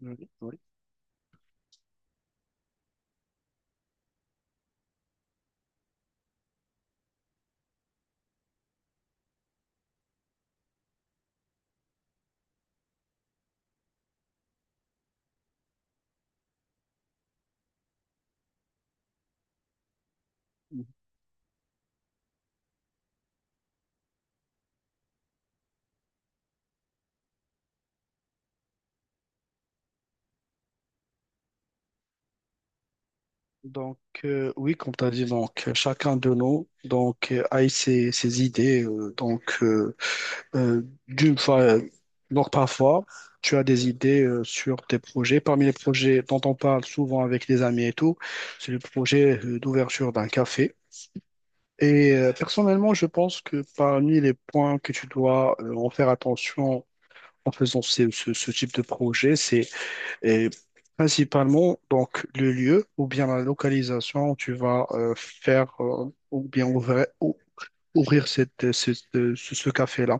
Oui, oui. Oui, comme tu as dit, donc, chacun de nous a ses idées. Euh, d'une fois, euh, donc parfois, tu as des idées sur tes projets. Parmi les projets dont on parle souvent avec les amis et tout, c'est le projet d'ouverture d'un café. Personnellement, je pense que parmi les points que tu dois en faire attention en faisant ce type de projet, c'est. Et Principalement, donc, le lieu ou bien la localisation où tu vas faire ou bien ouvrir ce café-là.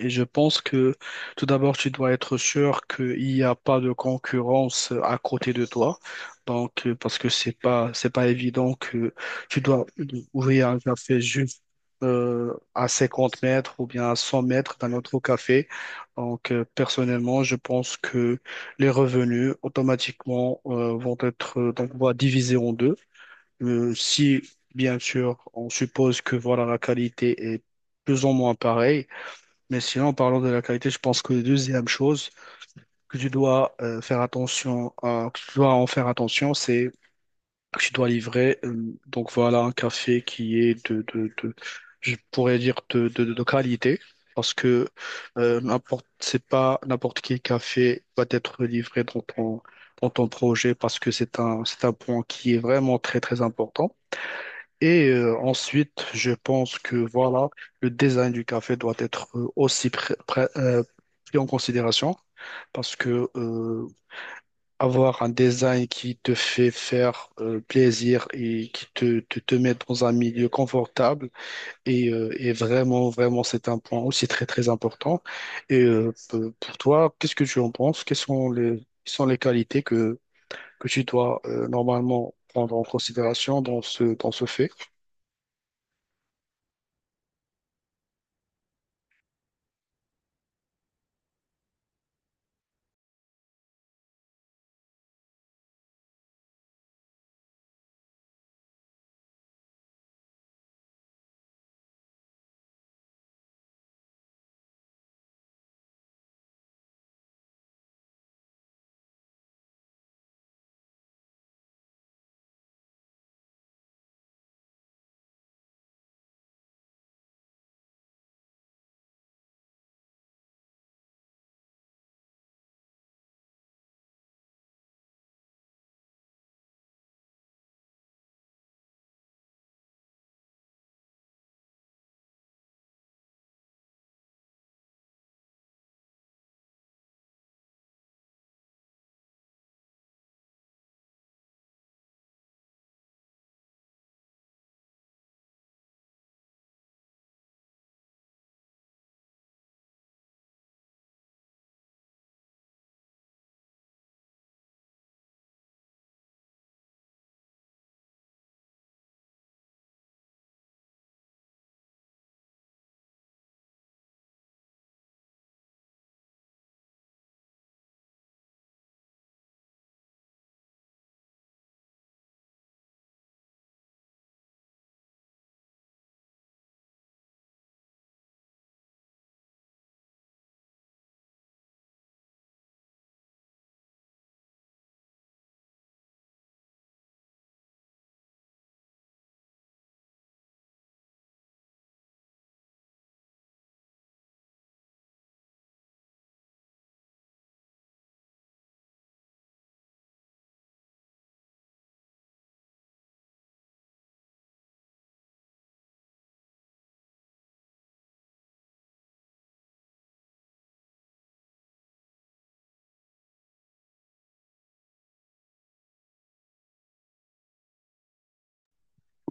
Et je pense que tout d'abord, tu dois être sûr qu'il n'y a pas de concurrence à côté de toi. Parce que c'est pas évident que tu dois ouvrir un café juste à 50 mètres ou bien à 100 mètres d'un autre café. Personnellement, je pense que les revenus automatiquement vont être on va diviser en deux. Si, bien sûr, on suppose que voilà, la qualité est plus ou moins pareille, mais sinon, en parlant de la qualité, je pense que la deuxième chose que tu dois que tu dois en faire attention, c'est que tu dois livrer. Donc voilà, un café qui est je pourrais dire de qualité, parce que c'est pas n'importe quel café va être livré dans ton projet, parce que c'est un point qui est vraiment très très important. Ensuite, je pense que voilà, le design du café doit être aussi pris en considération parce que avoir un design qui te fait faire plaisir et qui te met dans un milieu confortable. Et vraiment, vraiment, c'est un point aussi très, très important. Pour toi, qu'est-ce que tu en penses? Quelles sont les qualités que tu dois normalement prendre en considération dans ce fait?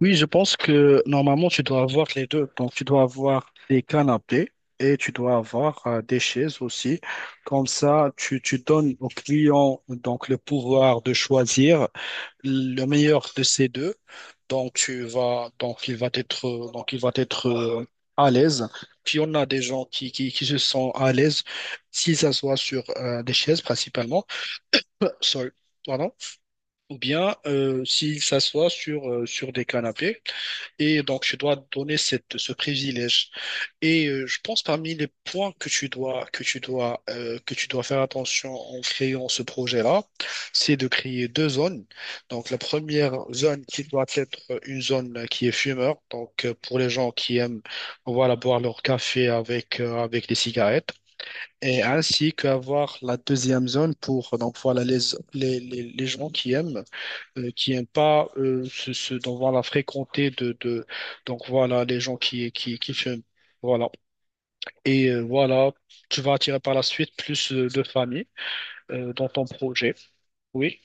Oui, je pense que normalement, tu dois avoir les deux. Donc, tu dois avoir des canapés et tu dois avoir des chaises aussi. Comme ça, tu donnes au client donc, le pouvoir de choisir le meilleur de ces deux. Donc, tu vas, donc, il va être, donc, il va être à l'aise. Puis, on a des gens qui se sentent à l'aise s'ils s'assoient sur des chaises principalement. Sorry, pardon. Ou bien s'ils s'assoient sur des canapés. Et donc, tu dois donner ce privilège. Je pense parmi les points que tu dois faire attention en créant ce projet-là, c'est de créer deux zones. Donc, la première zone qui doit être une zone qui est fumeur. Pour les gens qui aiment, voilà, boire leur café avec des cigarettes. Et ainsi qu'avoir la deuxième zone pour, donc, voilà, les gens qui aiment qui n'aiment pas donc voilà, fréquenter de donc voilà les gens qui fument. Voilà. Voilà, tu vas attirer par la suite plus de familles dans ton projet. Oui.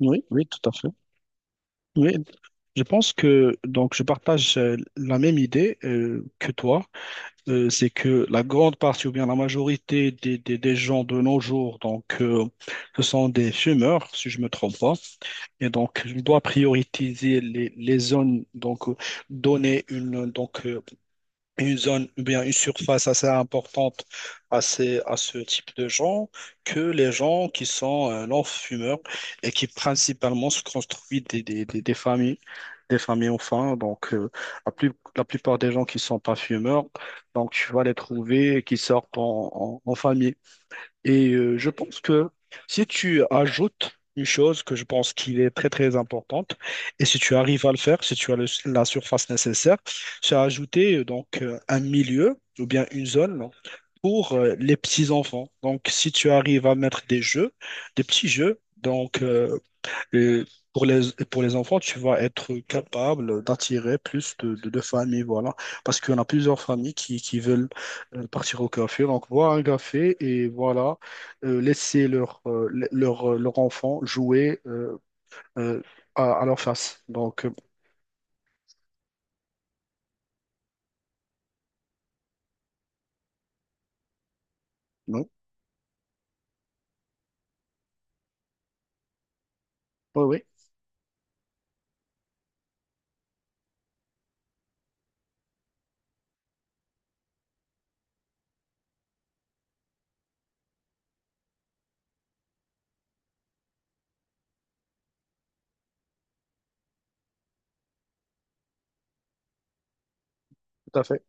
Oui, oui, tout à fait. Oui, je pense que donc je partage la même idée que toi. C'est que la grande partie ou bien la majorité des gens de nos jours, ce sont des fumeurs, si je me trompe pas. Et donc, je dois prioriser les zones, donner une, une zone ou bien une surface assez importante à, à ce type de gens que les gens qui sont non-fumeurs et qui principalement se construisent des familles ont faim, la plupart des gens qui sont pas fumeurs, donc tu vas les trouver qui sortent en famille. Je pense que si tu ajoutes une chose que je pense qu'il est très très importante, et si tu arrives à le faire, si tu as le- la surface nécessaire, c'est ajouter un milieu ou bien une zone pour les petits enfants. Donc si tu arrives à mettre des jeux, des petits jeux, le- pour les, pour les enfants, tu vas être capable d'attirer plus de familles, voilà. Parce qu'on a plusieurs familles qui veulent partir au café. Donc, boire un café et voilà, laisser leur enfant jouer euh, à leur face. Donc, non, oui, oui, tout à fait.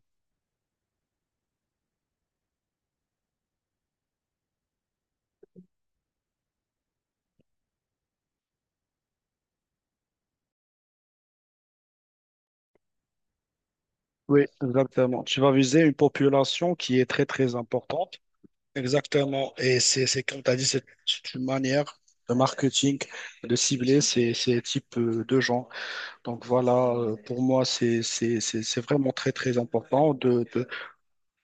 Oui, exactement. Tu vas viser une population qui est très, très importante. Exactement. Et c'est comme tu as dit, c'est une manière de marketing, de cibler ces, ces types de gens. Donc voilà, pour moi, c'est vraiment très, très important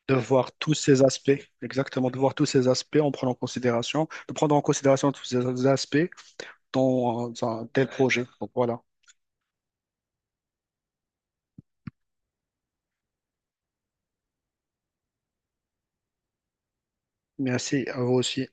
de voir tous ces aspects, exactement, de voir tous ces aspects en prenant en considération, de prendre en considération tous ces aspects dans un tel projet. Donc voilà. Merci à vous aussi.